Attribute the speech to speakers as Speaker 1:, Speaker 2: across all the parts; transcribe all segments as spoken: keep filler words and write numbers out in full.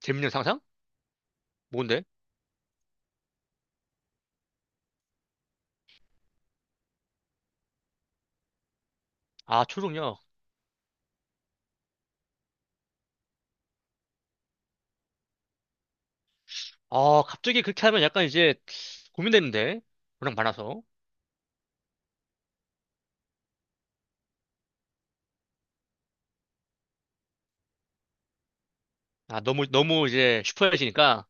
Speaker 1: 재밌는 상상? 뭔데? 아, 초능력. 아, 갑자기 그렇게 하면 약간 이제 고민되는데? 워낙 많아서. 아, 너무, 너무 이제 슈퍼해지니까.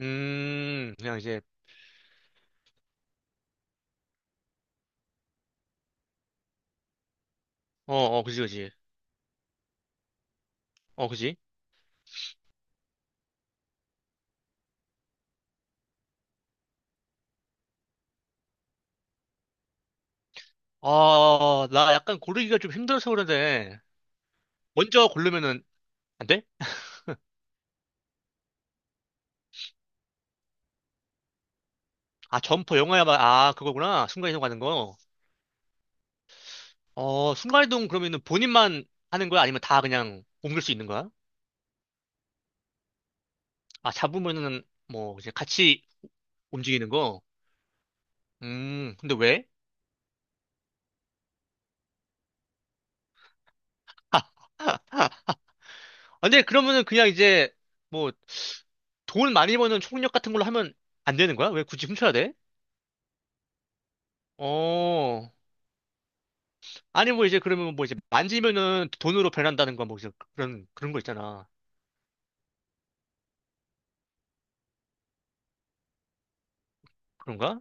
Speaker 1: 음, 그냥 이제, 어, 어, 그지, 그지. 어, 그지. 아, 나 약간 고르기가 좀 힘들어서 그러는데. 먼저 고르면은, 안 돼? 아, 점퍼 영화야만, 아, 그거구나. 순간이동 가는 거. 어, 순간이동 그러면은 본인만 하는 거야? 아니면 다 그냥 옮길 수 있는 거야? 아, 잡으면은, 뭐, 이제 같이 움직이는 거. 음, 근데 왜? 아, 근데 그러면은 그냥 이제 뭐 돈 많이 버는 총력 같은 걸로 하면 안 되는 거야? 왜 굳이 훔쳐야 돼? 어. 아니 뭐 이제 그러면 뭐 이제 만지면은 돈으로 변한다는 건 뭐 이제 그런 그런 거 있잖아. 그런가?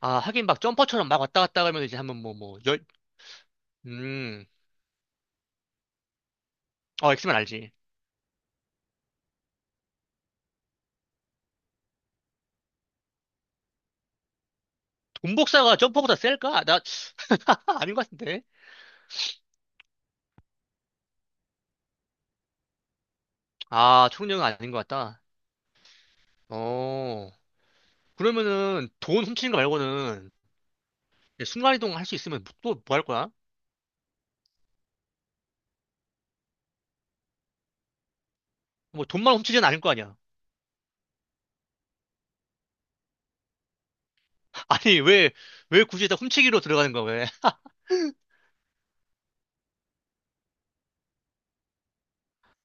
Speaker 1: 아, 하긴 막 점퍼처럼 막 왔다 갔다 하면 이제 한번 뭐 뭐 열 음. 어, 엑스맨 알지. 돈복사가 점퍼보다 셀까? 나 아닌 것 같은데. 아, 총력은 아닌 것 같다. 어. 그러면은 돈 훔치는 거 말고는 순간이동 할 수 있으면 뭐, 또뭐 할 거야? 뭐 돈만 훔치진 않을 거 아니야. 아니, 왜, 왜 굳이 다 훔치기로 들어가는 거야, 왜?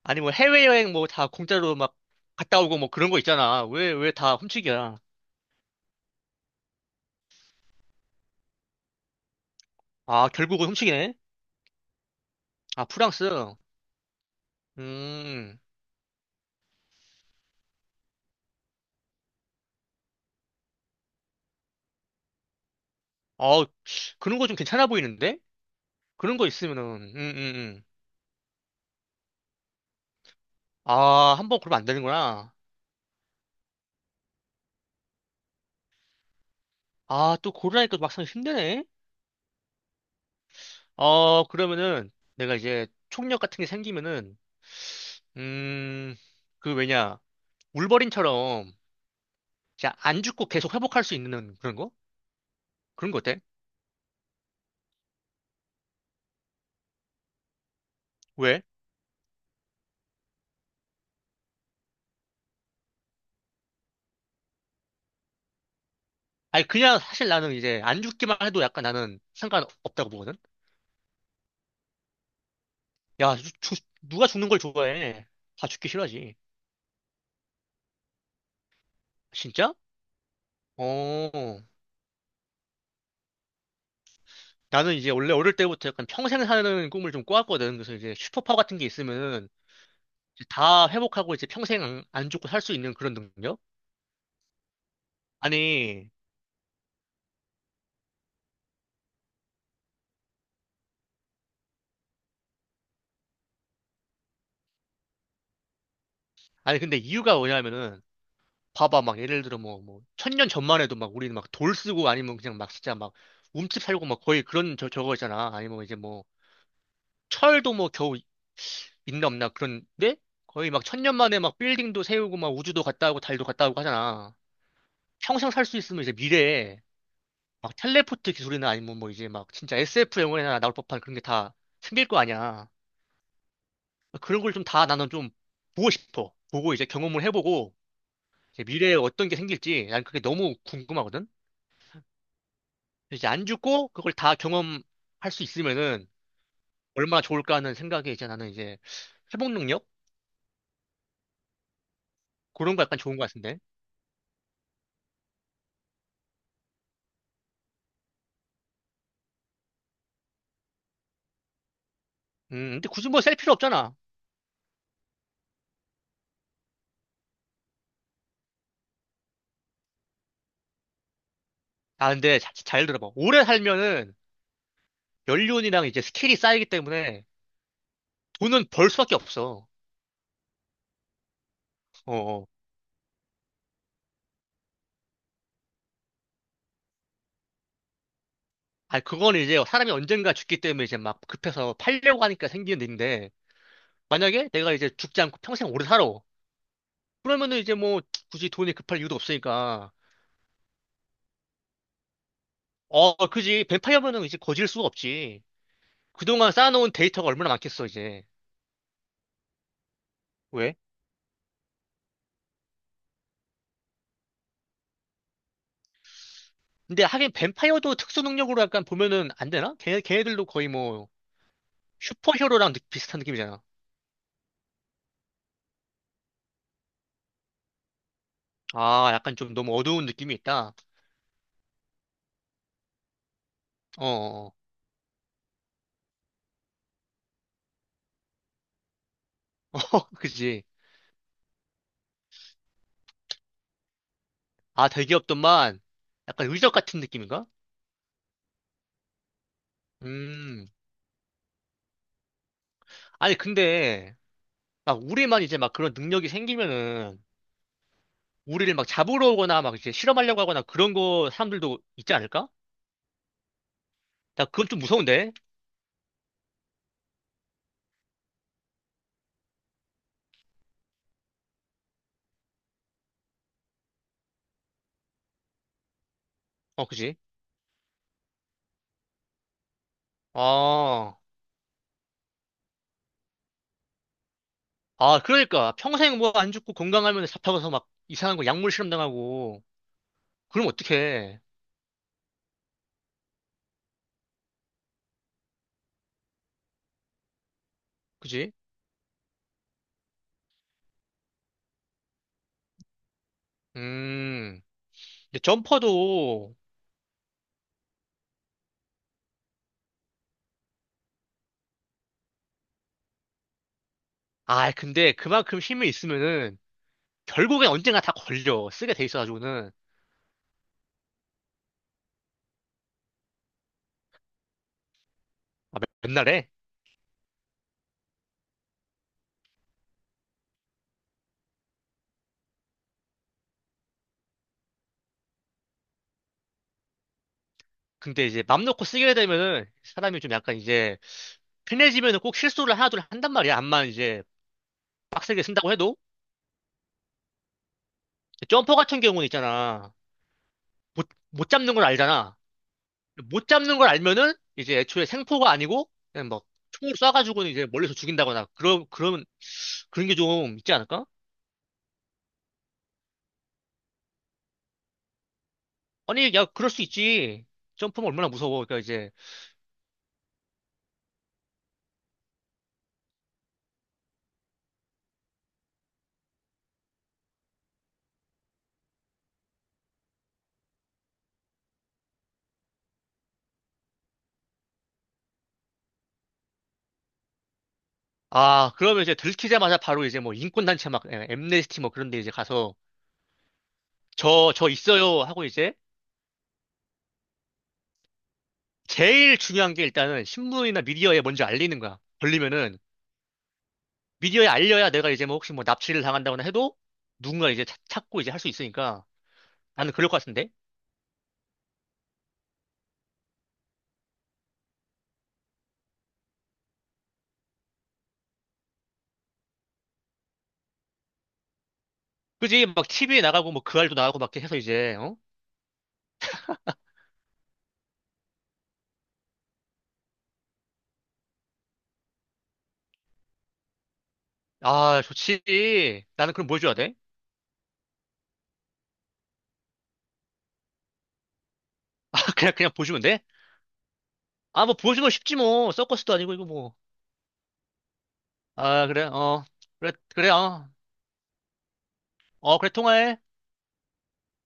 Speaker 1: 아니, 뭐 해외여행 뭐 다 공짜로 막 갔다 오고 뭐 그런 거 있잖아. 왜, 왜 다 훔치기야? 아, 결국은 훔치기네? 아, 프랑스. 음, 어, 그런 거 좀 괜찮아 보이는데? 그런 거 있으면은, 음, 음, 음. 아, 한번 그러면 안 되는구나. 아, 또 고르라니까 막상 힘드네? 어, 그러면은 내가 이제 총력 같은 게 생기면은, 음, 그 왜냐, 울버린처럼 진짜 안 죽고 계속 회복할 수 있는 그런 거? 그런 거 어때? 왜? 아니, 그냥 사실 나는 이제 안 죽기만 해도 약간 나는 상관없다고 보거든? 야, 주- 주- 누가 죽는 걸 좋아해? 다 죽기 싫어하지. 진짜? 어. 나는 이제 원래 어릴 때부터 약간 평생 사는 꿈을 좀 꿔왔거든. 그래서 이제 슈퍼파워 같은 게 있으면은 이제 다 회복하고 이제 평생 안, 안 죽고 살 수 있는 그런 능력? 아니, 아니, 근데 이유가 뭐냐면은 봐봐, 막 예를 들어 뭐, 뭐, 천년 전만 해도 막 우리는 막 돌 쓰고 아니면 그냥 막 진짜 막 움집 살고 막 거의 그런 저, 저거 있잖아. 아니면 이제 뭐, 철도 뭐 겨우 있나 없나 그런데 거의 막 천년 만에 막 빌딩도 세우고 막 우주도 갔다 오고 달도 갔다 오고 하잖아. 평생 살 수 있으면 이제 미래에 막 텔레포트 기술이나 아니면 뭐 이제 막 진짜 에스에프 영화에나 나올 법한 그런 게 다 생길 거 아니야. 그런 걸 좀 다 나는 좀 보고 싶어. 보고 이제 경험을 해보고 이제 미래에 어떤 게 생길지 난 그게 너무 궁금하거든. 이제 안 죽고 그걸 다 경험할 수 있으면은 얼마나 좋을까 하는 생각에 이제 나는 이제 회복 능력 그런 거 약간 좋은 거 같은데. 음, 근데 굳이 뭐 셀 필요 없잖아. 아, 근데 자- 잘 들어봐. 오래 살면은 연륜이랑 이제 스킬이 쌓이기 때문에 돈은 벌 수밖에 없어. 어. 어. 아, 그건 이제 사람이 언젠가 죽기 때문에 이제 막 급해서 팔려고 하니까 생기는 일인데 만약에 내가 이제 죽지 않고 평생 오래 살아. 그러면은 이제 뭐 굳이 돈이 급할 이유도 없으니까. 어, 그지. 뱀파이어면은 이제 거질 수가 없지. 그동안 쌓아놓은 데이터가 얼마나 많겠어, 이제. 왜? 근데 하긴 뱀파이어도 특수 능력으로 약간 보면은 안 되나? 걔, 걔네들도 거의 뭐 슈퍼히어로랑 느- 비슷한 느낌이잖아. 아, 약간 좀 너무 어두운 느낌이 있다. 어, 어, 어, 그지. 아, 대기업들만 약간 의적 같은 느낌인가? 음. 아니, 근데 막 우리만 이제 막 그런 능력이 생기면은 우리를 막 잡으러 오거나 막 이제 실험하려고 하거나 그런 거 사람들도 있지 않을까? 나 그건 좀 무서운데. 어, 그지. 아, 아, 그러니까 평생 뭐 안 죽고 건강하면 잡혀가서 막 이상한 거 약물 실험 당하고 그럼 어떡해. 그지? 음. 근데 점퍼도 아, 근데 그만큼 힘이 있으면은 결국엔 언젠가 다 걸려. 쓰게 돼 있어가지고는. 아, 맨- 맨날에? 근데 이제 맘 놓고 쓰게 되면은 사람이 좀 약간 이제 편해지면은 꼭 실수를 하나둘 한단 말이야. 암만 이제 빡세게 쓴다고 해도. 점퍼 같은 경우는 있잖아. 못, 못 잡는 걸 알잖아. 못 잡는 걸 알면은 이제 애초에 생포가 아니고 그냥 막 총으로 쏴가지고는 이제 멀리서 죽인다거나 그런, 그런, 그런 게 좀 있지 않을까? 아니, 야, 그럴 수 있지. 점프는 얼마나 무서워. 그러니까 이제 아, 그러면 이제 들키자마자 바로 이제 뭐 인권단체 막, 예, 엠네스티 뭐 그런 데 이제 가서 저, 저 있어요 하고 이제 제일 중요한 게 일단은 신문이나 미디어에 먼저 알리는 거야. 걸리면은 미디어에 알려야 내가 이제 뭐 혹시 뭐 납치를 당한다거나 해도 누군가 이제 찾- 찾고 이제 할 수 있으니까 나는 그럴 것 같은데? 그지? 막 티비에 나가고 뭐 그알도 나가고 막 이렇게 해서 이제, 어? 아, 좋지. 나는 그럼 뭐 해줘야 돼? 아, 그냥, 그냥 보여주면 돼? 아, 뭐 보여주면 쉽지 뭐. 서커스도 아니고 이거 뭐. 아, 그래, 어. 그래, 그래, 어. 어, 그래, 통화해.